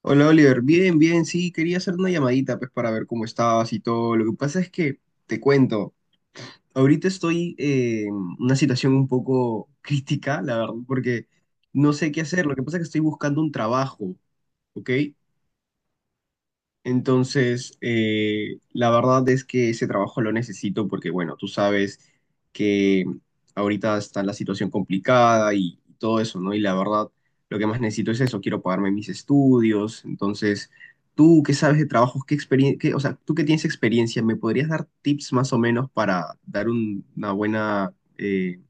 Hola Oliver, bien, bien, sí, quería hacer una llamadita pues para ver cómo estabas y todo. Lo que pasa es que te cuento, ahorita estoy en una situación un poco crítica, la verdad, porque no sé qué hacer. Lo que pasa es que estoy buscando un trabajo, ¿ok? Entonces, la verdad es que ese trabajo lo necesito porque, bueno, tú sabes que ahorita está la situación complicada y todo eso, ¿no? Y la verdad, lo que más necesito es eso, quiero pagarme mis estudios. Entonces, tú qué sabes de trabajos, qué experiencia, o sea, tú que tienes experiencia, ¿me podrías dar tips más o menos para dar una buena,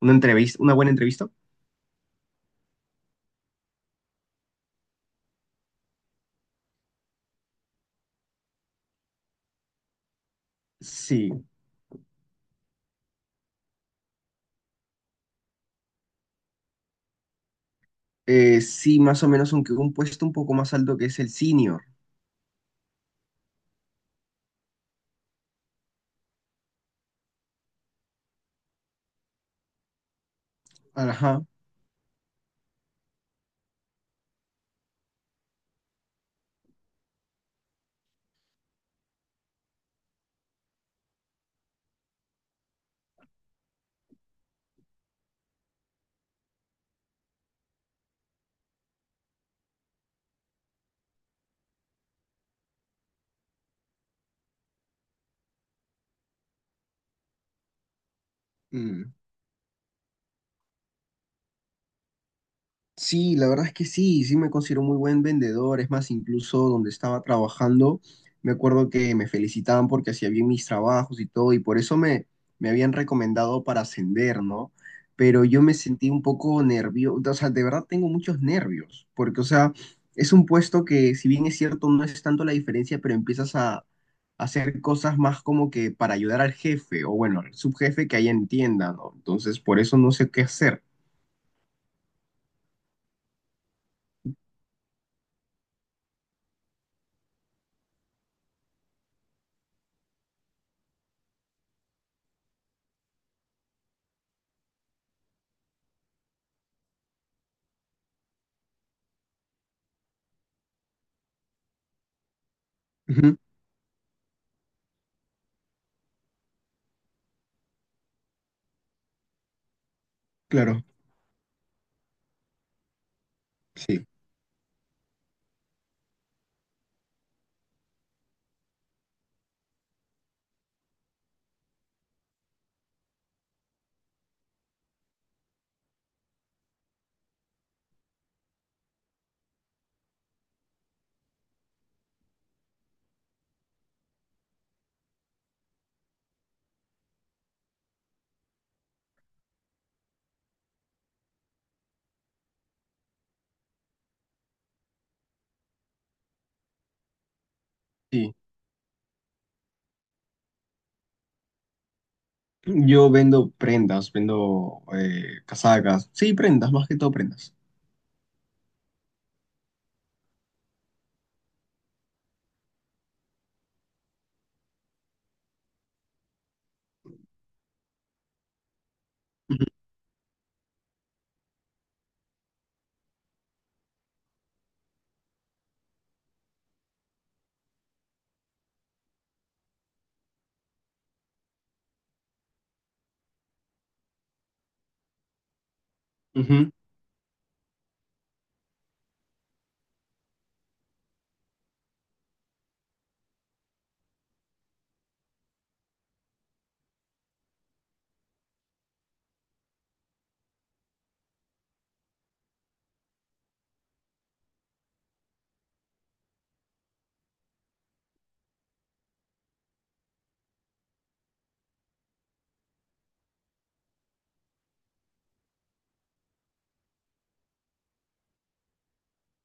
una entrevista, una buena entrevista? Sí, sí, más o menos, aunque un puesto un poco más alto que es el senior. Ajá. Mm. Sí, la verdad es que sí, sí me considero muy buen vendedor. Es más, incluso donde estaba trabajando, me acuerdo que me felicitaban porque hacía bien mis trabajos y todo, y por eso me habían recomendado para ascender, ¿no? Pero yo me sentí un poco nervioso, o sea, de verdad tengo muchos nervios, porque, o sea, es un puesto que, si bien es cierto, no es tanto la diferencia, pero empiezas a hacer cosas más como que para ayudar al jefe, o bueno, al subjefe que ahí entienda, ¿no? Entonces, por eso no sé qué hacer. Ujú. Claro. Sí. Sí, yo vendo prendas, vendo casacas, sí, prendas, más que todo prendas. Ujú, ujú.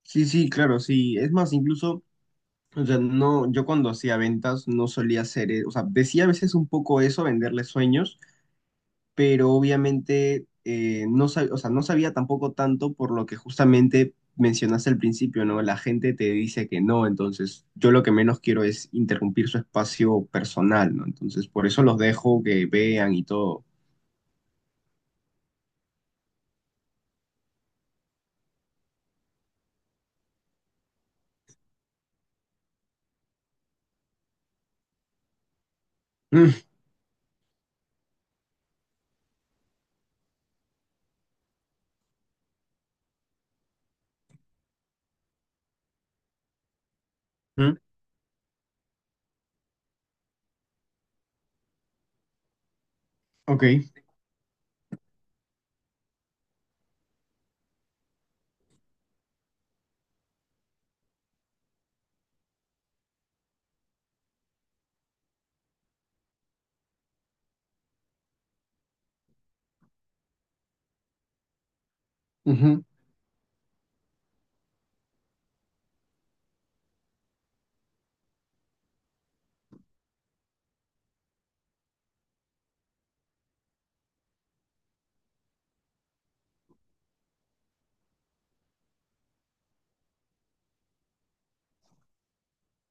Sí, sí, claro, sí. Es más, incluso, o sea, no, yo cuando hacía ventas no solía hacer, o sea, decía a veces un poco eso, venderle sueños, pero obviamente no sabía, o sea, no sabía tampoco tanto por lo que justamente mencionaste al principio, ¿no? La gente te dice que no, entonces yo lo que menos quiero es interrumpir su espacio personal, ¿no? Entonces, por eso los dejo que vean y todo. Mm. Ok, ujú.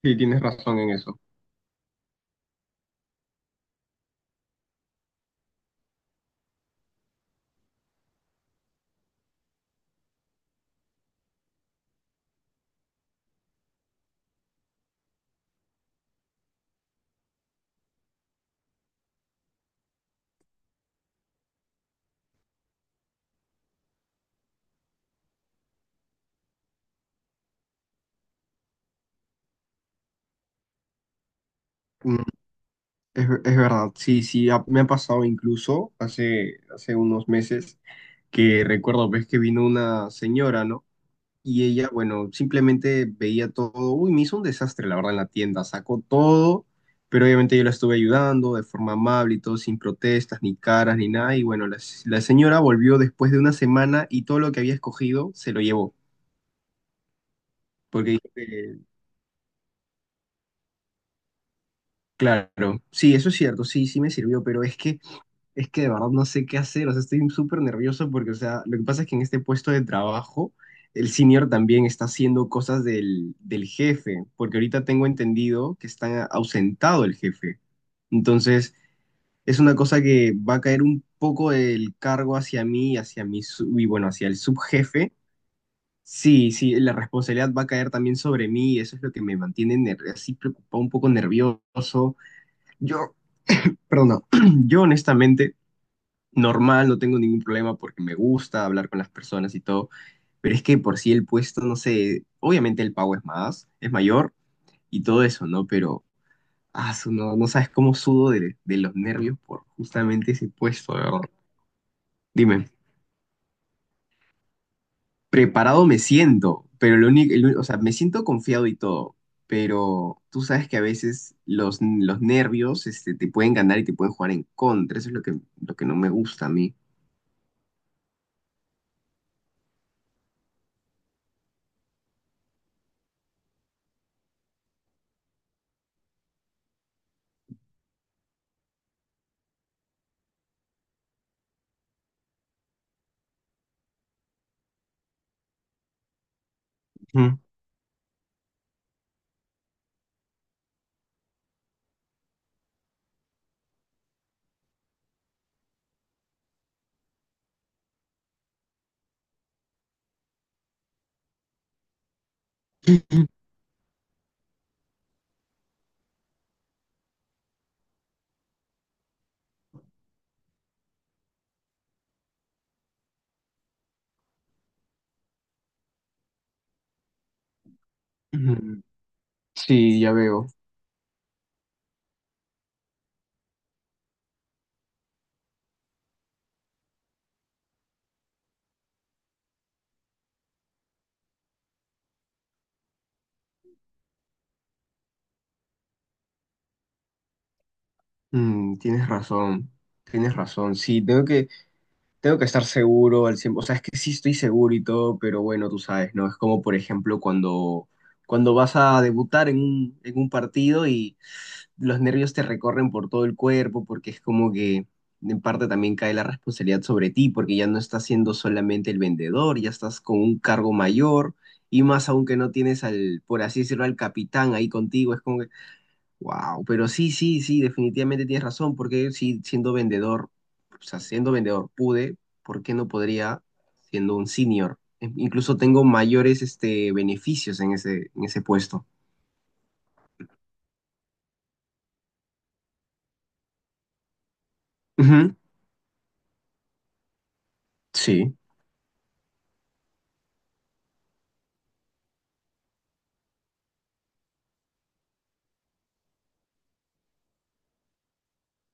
Sí, tienes razón en eso. Mm. Es verdad, sí, sí, me ha pasado incluso hace unos meses que recuerdo, ves que vino una señora, ¿no? Y ella, bueno, simplemente veía todo, uy, me hizo un desastre, la verdad, en la tienda, sacó todo, pero obviamente yo la estuve ayudando de forma amable y todo, sin protestas, ni caras, ni nada, y bueno, la señora volvió después de una semana y todo lo que había escogido se lo llevó, porque claro, sí, eso es cierto, sí, sí me sirvió, pero es que de verdad no sé qué hacer, o sea, estoy súper nervioso porque, o sea, lo que pasa es que en este puesto de trabajo, el senior también está haciendo cosas del jefe, porque ahorita tengo entendido que está ausentado el jefe. Entonces, es una cosa que va a caer un poco el cargo hacia mí, y hacia y bueno, hacia el subjefe. Sí, sí, la responsabilidad va a caer también sobre mí, y eso es lo que me mantiene así preocupado, un poco nervioso. Yo, Perdón, no. Yo honestamente, normal, no tengo ningún problema porque me gusta hablar con las personas y todo, pero es que por sí el puesto, no sé, obviamente el pago es más, es mayor y todo eso, ¿no? Pero, no, no sabes cómo sudo de los nervios por justamente ese puesto, de verdad. Dime, preparado me siento, pero lo único, o sea, me siento confiado y todo, pero tú sabes que a veces los nervios, este, te pueden ganar y te pueden jugar en contra, eso es lo que no me gusta a mí. Ujú. Ujú. Sí, ya veo. Mm, tienes razón, tienes razón. Sí, tengo que estar seguro al 100%. O sea, es que sí estoy seguro y todo, pero bueno, tú sabes, ¿no? Es como, por ejemplo, cuando vas a debutar en en un partido y los nervios te recorren por todo el cuerpo, porque es como que en parte también cae la responsabilidad sobre ti, porque ya no estás siendo solamente el vendedor, ya estás con un cargo mayor. Y más aún que no tienes al, por así decirlo, al capitán ahí contigo, es como wow, pero sí, sí, sí, definitivamente tienes razón, porque si siendo vendedor, o sea, siendo vendedor pude, ¿por qué no podría siendo un senior? Incluso tengo mayores este, beneficios en en ese puesto. Ujú. Sí,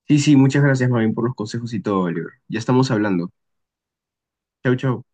sí, sí, muchas gracias, Marvin, por los consejos y todo, Oliver. Ya estamos hablando. Chau, chau.